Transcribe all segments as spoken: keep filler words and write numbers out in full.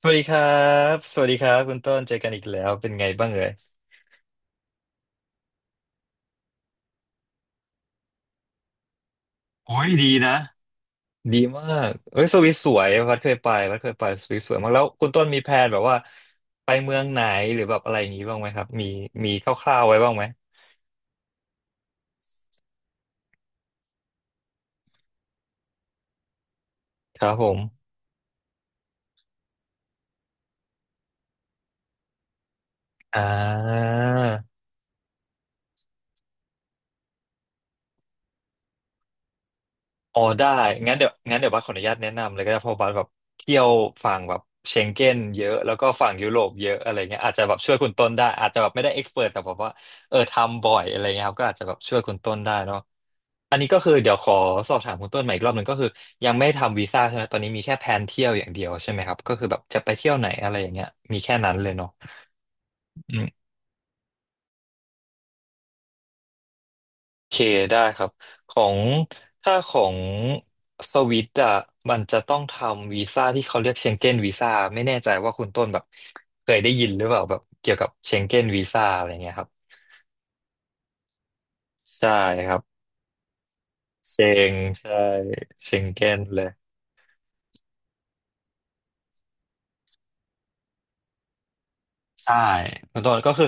สวัสดีครับ สวัสดีครับคุณต้นเจอกันอีกแล้ว เป็นไงบ้างเอ่ยโอ้ยดีนะดีมากเอ้ยสวิสสวยวัดเคยไปวัดเคยไปสวิสสวยมากแล้วคุณต้นมีแพลนแบบว่าไปเมืองไหนหรือแบบอะไรอย่างนี้บ้างไหมครับมีมีคร่าวๆไว้บ้างไหม ครับผม อ่า อ๋อได้งั้นเดี๋ยวงั้นเดี๋ยวบัสขออนุญาตแนะนำเลยก็ได้เพราะบัสแบบเที่ยวฝั่งแบบเชงเก้นเยอะแล้วก็ฝั่งยุโรปเยอะอะไรเงี้ยอาจจะแบบช่วยคุณต้นได้อาจจะแบบไม่ได้เอ็กซ์เพรสแต่แบบว่าเออทำบ่อยอะไรเงี้ยครับก็อาจจะแบบช่วยคุณต้นได้เนาะอันนี้ก็คือเดี๋ยวขอสอบถามคุณต้นใหม่อีกรอบหนึ่งก็คือยังไม่ทำวีซ่าใช่ไหมตอนนี้มีแค่แพลนเที่ยวอย่างเดียวใช่ไหมครับก็คือแบบจะไปเที่ยวไหนอะไรอย่างเงี้ยมีแค่นั้นเลยเนาะ เคได้ครับของถ้าของสวิตอ่ะมันจะต้องทำวีซ่าที่เขาเรียกเชงเก้นวีซ่าไม่แน่ใจว่าคุณต้นแบบเคยได้ยินหรือเปล่าแบบเกี่ยวกับเชงเก้นวีซ่าอะไรเงี้ยครับใช่ครับเชงใช่เชงเก้นเลย ใช่คุณต้นก็คือ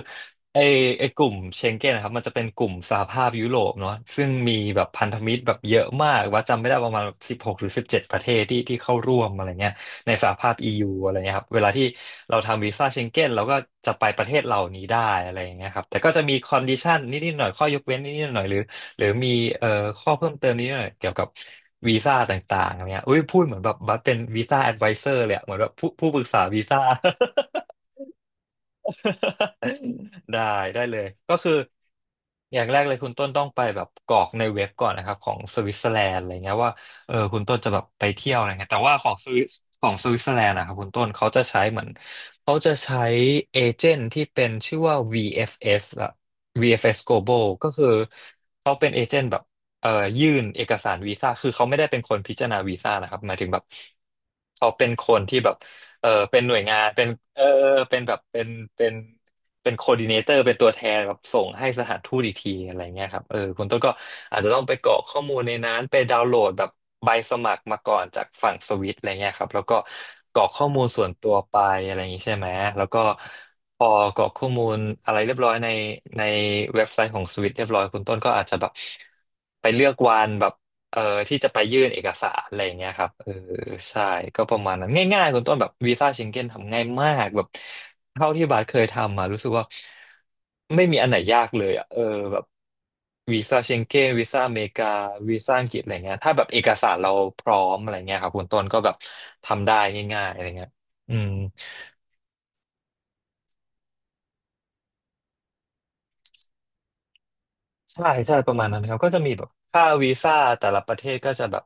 ไอไอกลุ่มเชงเก้นนะครับมันจะเป็นกลุ่มสหภาพยุโรปเนาะซึ่งมีแบบพันธมิตรแบบเยอะมากว่าจำไม่ได้ประมาณสิบหกหรือสิบเจ็ดประเทศที่ที่เข้าร่วมอะไรเงี้ยในสหภาพ อี ยู อะไรเงี้ยครับเวลาที่เราทำวีซ่าเชงเก้นเราก็จะไปประเทศเหล่านี้ได้อะไรเงี้ยครับแต่ก็จะมีคอนดิชันนิดๆหน่อยข้อยกเว้นนิดๆหน่อยหรือหรือมีเอ่อข้อเพิ่มเติมนิดหน่อยเกี่ยวกับวีซ่าต่างๆอะไรเงี้ยอุ้ยพูดเหมือนแบบบัสเป็นวีซ่าแอดไวเซอร์เลยอะเหมือนแบบผู้ผู้ปรึกษาวีซ่า ได้ได้เลยก็คืออย่างแรกเลยคุณต้นต้องไปแบบกรอกในเว็บก่อนนะครับของสวิตเซอร์แลนด์อะไรเงี้ยว่าเออคุณต้นจะแบบไปเที่ยวอะไรเงี้ยแต่ว่าของสวิสของสวิตเซอร์แลนด์นะครับคุณต้นเขาจะใช้เหมือนเขาจะใช้เอเจนต์ที่เป็นชื่อว่า วี เอฟ เอส ละ วี เอฟ เอส Global ก็คือเขาเป็นเอเจนต์แบบเอ่อยื่นเอกสารวีซ่าคือเขาไม่ได้เป็นคนพิจารณาวีซ่านะครับหมายถึงแบบเขาเป็นคนที่แบบ เออเป็นหน่วยงานเป็นเออเป็นแบบเป็นเป็นเป็นโคดิเนเตอร์เป็นตัวแทนแบบส่งให้สถานทูตอีกทีอะไรเงี้ยครับเออคุณต้นก็อาจจะต้องไปกรอกข้อมูลในนั้นไปดาวน์โหลดแบบใบสมัครมาก่อนจากฝั่งสวิตอะไรเงี้ยครับแล้วก็กรอกข้อมูลส่วนตัวไปอะไรอย่างงี้ใช่ไหมแล้วก็พอกรอกข้อมูลอะไรเรียบร้อยในในเว็บไซต์ของสวิตเรียบร้อยคุณต้นก็อาจจะแบบไปเลือกวันแบบ เอ่อที่จะไปยื่นเอกสารอะไรอย่างเงี้ยครับเออใช่ก็ประมาณนั้นง่ายๆคุณต้นแบบวีซ่าเชงเก้นทำง่ายมากแบบเท่าที่บาสเคยทำมารู้สึกว่าไม่มีอันไหนยากเลยอ่ะเออแบบวีซ่าเชงเก้นวีซ่าอเมริกาวีซ่าอังกฤษอะไรเงี้ยถ้าแบบเอกสารเราพร้อมอะไรเงี้ยครับคุณต้นก็แบบทำได้ง่ายๆอะไรเงี้ยอืม ใช่ใช่ประมาณนั้นครับก็จะมีแบบค่าวีซ่าแต่ละประเทศก็จะแบบ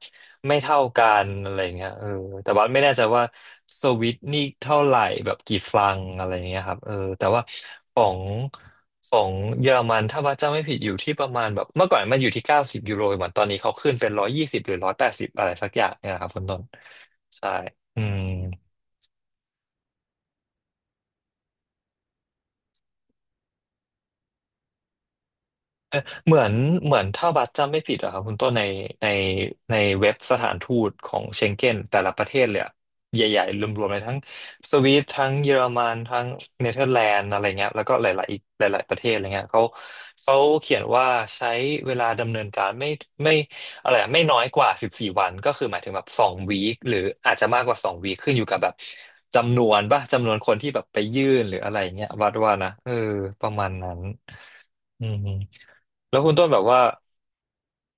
ไม่เท่ากันอะไรเงี้ยเออแต่ว่าไม่แน่ใจว่าสวิตนี่เท่าไหร่แบบกี่ฟรังอะไรเงี้ยครับเออแต่ว่าของของเยอรมันถ้าว่าจำไม่ผิดอยู่ที่ประมาณแบบเมื่อก่อนมันอยู่ที่เก้าสิบยูโรเหมือนตอนนี้เขาขึ้นเป็นร้อยยี่สิบหรือร้อยแปดสิบอะไรสักอย่างเนี่ยครับคุณต้นใช่อืม เหมือนเหมือนถ้าบัตรจำไม่ผิดอะครับคุณต้นในในในเว็บสถานทูตของเชงเก้นแต่ละประเทศเลยอะใหญ่ๆรวมๆเลยทั้งสวีดทั้งเยอรมันทั้งเนเธอร์แลนด์อะไรเงี้ยแล้วก็หลายๆอีกหลายๆประเทศอะไรเงี้ยเขาเขาเขียนว่าใช้เวลาดำเนินการไม่ไม่อะไรอะไม่น้อยกว่าสิบสี่วันก็คือหมายถึงแบบสองวีคหรืออาจจะมากกว่าสองวีคขึ้นอยู่กับแบบจำนวนป่ะจำนวนคนที่แบบไปยื่นหรืออะไรเงี้ยวัดว่านะเออประมาณนั้นอืม แล้วคุณต้นแบบว่า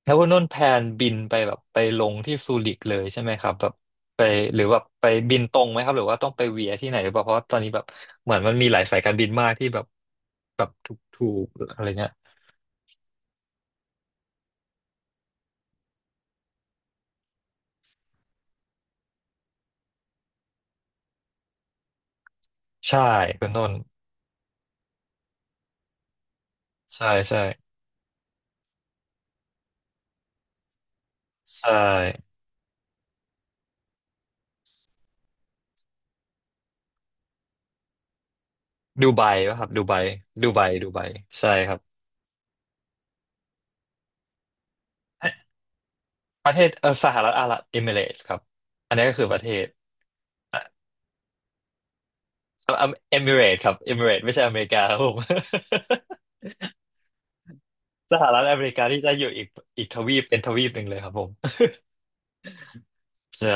แล้วคุณต้นแพลนบินไปแบบไปลงที่ซูริกเลยใช่ไหมครับแบบไปหรือว่าไปบินตรงไหมครับหรือว่าต้องไปเวียที่ไหนหรือเปล่าเพราะว่าตอนนี้แบบเหมือนมันมีหลายสายการบินมากที่แบบแบบถูกถูกอะไรเงี้ยใช่คุณต้นใช่ใช่ใช่ดูไบป่ะครับดูไบดูไบดูไบใช่ครับประเทศเออสหรัฐอาหรับเอมิเรตส์ครับอันนี้ก็คือประเทศเอมิเรตครับเอมิเรตไม่ใช่อเมริกาครับผม สหรัฐอเมริกาที่จะอยู่อีกอีกทวีปเป็นทวีปหนึ่งเลยครับผม ใช่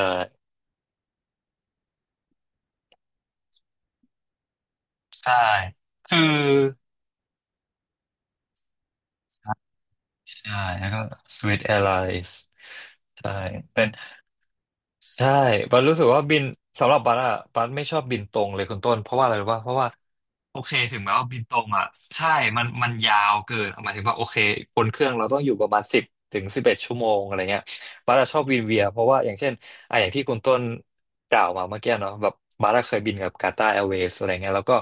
ใช่คือใช่แล้วก็ Swiss Airlines ใช่เป็นใช่บันรู้สึกว่าบินสำหรับบันอะบันไม่ชอบบินตรงเลยคุณต้นเพราะว่าอะไรรู้ป่ะเพราะว่าโอเคถึงแม้ว่าบินตรงอ่ะใช่มันมันยาวเกินหมายถึงว่าโอเคบนเครื่องเราต้องอยู่ประมาณสิบถึงสิบเอ็ดชั่วโมงอะไรเงี้ย บาร์ดชอบวินเวียเพราะว่าอย่างเช่นอ่ะอย่างที่คุณต้นกล่าวมาเมื่อกี้เนาะแบบบาร์ดเคยบินกับกาตาร์แอร์เวย์อะไรเงี้ยแล้วก็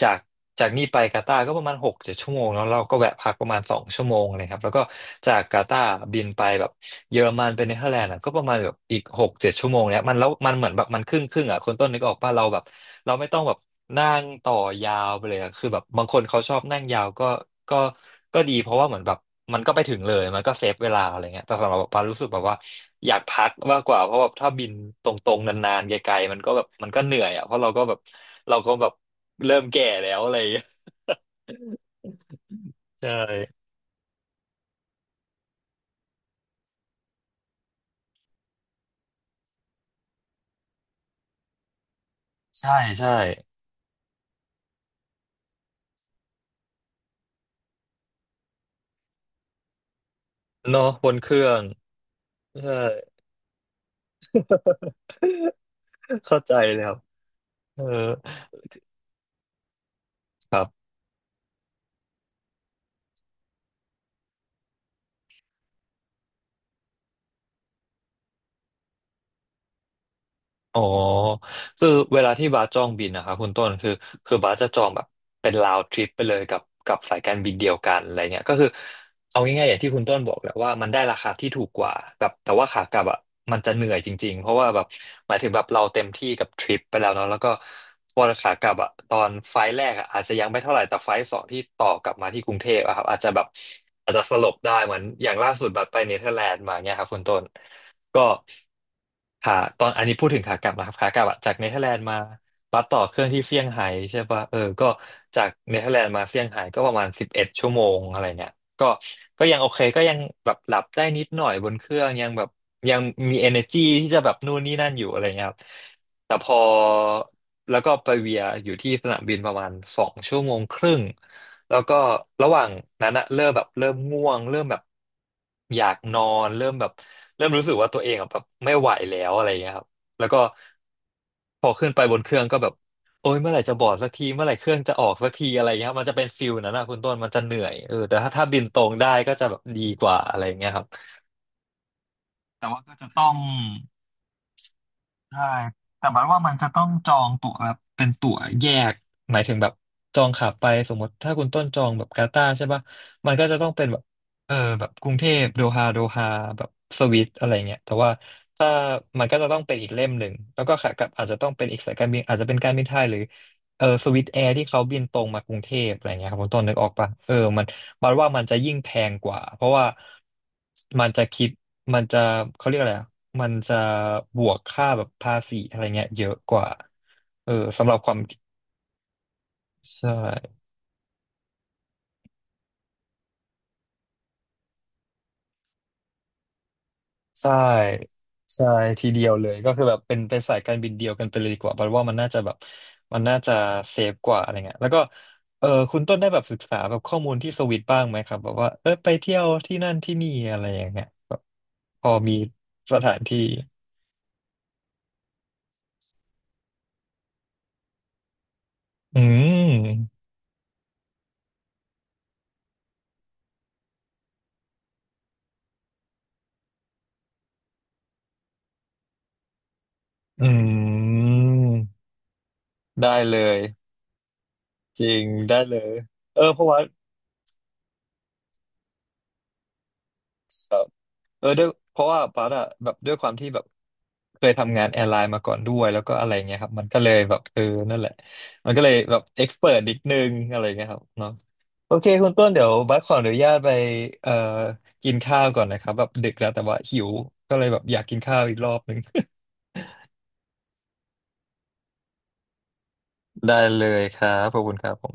จากจากนี่ไปกาตาร์ก็ประมาณหกเจ็ดชั่วโมงแล้วเราก็แวะพักประมาณสองชั่วโมงเลยครับแล้วก็จากกาตาร์บินไปแบบเยอรมันไปเนเธอร์แลนด์อะก็ประมาณแบบอีกหกเจ็ดชั่วโมงเนี่ยมันแล้วมันเหมือนแบบมันครึ่งครึ่งอ่ะคนต้นนึกออกป่ะเราแบบเราไม่ต้องแบบนั่งต่อยาวไปเลยอะคือแบบบางคนเขาชอบนั่งยาวก็ก็ก็ดีเพราะว่าเหมือนแบบ มันก็ไปถึงเลย มันก็เซฟเวลาอะไรเงี้ยแต่สำหรับปารู้สึกแบบว่าอยากพักมากกว่าเพราะแบบถ้าบินตรงๆนานๆไกลๆมันก็แบบมันก็เหนื่อยอ่ะ เพราะเราก็แบบเราก็แบบเริ่มแก่แล้วอะไรอย่างเงี้ยใช่ใช่ใช่เนาะบนเครื่องใช่เข้าใจแล้วเออครับ อ๋อคือเวลาที่บาสจองบินนะคะคุณต้นคือคือบาสจะจองแบบเป็นรา d trip ไปเลยกับกับสายการบินเดียวกันอะไรเงี้ยก็คือเอาง่ายๆอย่างที่คุณต้นบอกแหละว่ามันได้ราคาที่ถูกกว่าแบบแต่ว่าขากลับอ่ะมันจะเหนื่อยจริงๆเพราะว่าแบบหมายถึงแบบเราเต็มที่กับทริปไปแล้วเนาะแล้วก็พอขากลับอ่ะตอนไฟล์แรกอ่ะอาจจะยังไม่เท่าไหร่แต่ไฟล์สองที่ต่อกลับมาที่กรุงเทพอะครับอาจจะแบบอาจจะสลบได้เหมือนอย่างล่าสุดบัสไปเนเธอร์แลนด์มาเงี้ยครับคุณต้น ก็ขาตอนอันนี้พูดถึงขากลับนะครับขากลับอะจากเนเธอร์แลนด์มาบัสต่อเครื่องที่เซี่ยงไฮ้ใช่ปะเออก็จากเนเธอร์แลนด์มาเซี่ยงไฮ้ก็ประมาณสิบเอ็ดชั่วโมงอะไรเงี้ยก็ก็ยังโอเคก็ยังแบบหลับได้นิดหน่อยบนเครื่องยังแบบยังมี energy ที่จะแบบนู่นนี่นั่นอยู่อะไรเงี้ยครับแต่พอแล้วก็ไปเวียอยู่ที่สนามบินประมาณสองชั่วโมงครึ่ง แล้วก็ระหว่างนั้นอะเริ่มแบบเริ่มง่วงเริ่มแบบอยากนอนเริ่มแบบเริ่มรู้สึกว่าตัวเองอะแบบไม่ไหวแล้วอะไรเงี้ยครับแล้วก็พอขึ้นไปบนเครื่องก็แบบโอ้ยเมื่อไหร่จะบอร์ดสักทีเมื่อไหร่เครื่องจะออกสักทีอะไรเงี้ยครับมันจะเป็นฟิลนั้นนะคุณต้นมันจะเหนื่อยเออแต่ถ้าถ้าบินตรงได้ก็จะแบบดีกว่าอะไรเงี้ยครับแต่ว่าก็จะต้อง ใช่แต่บัดว่ามันจะต้องจองตั๋วแบบเป็นตั๋วแยกหมายถึงแบบจองขาไปสมมติถ้าคุณต้นจองแบบกาตาร์ใช่ปะมันก็จะต้องเป็นแบบเออแบบกรุงเทพโดฮาโดฮาแบบสวิตอะไรเงี้ยแต่ว่าถ้ามันก็จะต้องเป็นอีกเล่มหนึ่งแล้วก็ขากลับอาจจะต้องเป็นอีกสายการบินอาจจะเป็นการบินไทยหรือเออสวิสแอร์ที่เขาบินตรงมากรุงเทพอะไรเงี้ยครับคุณต้นนึกออกปะเออมัน บัดว่ามันจะยิ่งแพงกว่าเพราะว่ามันจะคิดมันจะเขาเรียกอะไรอะมันจะบวกค่าแบบภาษีอะไรเงี้ยเยอะกว่าเออสำหรับความใช่ใช่ใช่ทีเดียวเลยก็คือแบบเป็นเป็นสายการบินเดียวกันไปเลยดีกว่าบัดว่ามันน่าจะแบบมันน่าจะเซฟกว่าอะไรเงี้ยแล้วก็เออคุณต้นได้แบบศึกษาแบบข้อมูลที่สวิตบ้างไหมครับแบบว่าเออไปเที่ยวที่นั่นที่นี่อะไรอย่างเงี้ยแบบพอมีสถานที่อืม อืมได้เลยจริงได้เลยเออเพราะว่าแบบเออด้วยเพราะว่าปั๊ดอะแบบด้วยความที่แบบเคยทำงานแอร์ไลน์มาก่อนด้วยแล้วก็อะไรเงี้ยครับมันก็เลยแบบเออนั่นแหละมันก็เลยแบบเอ็กซ์เพรนิดนึงอะไรเงี้ยครับเนาะโอเคคุณต้นเดี๋ยวบัสขออนุญาตไปเอ่อกินข้าวก่อนนะครับแบบดึกแล้วแต่ว่าหิวก็เลยแบบอยากกินข้าวอีกรอบนึง ได้เลยครับขอบคุณครับผม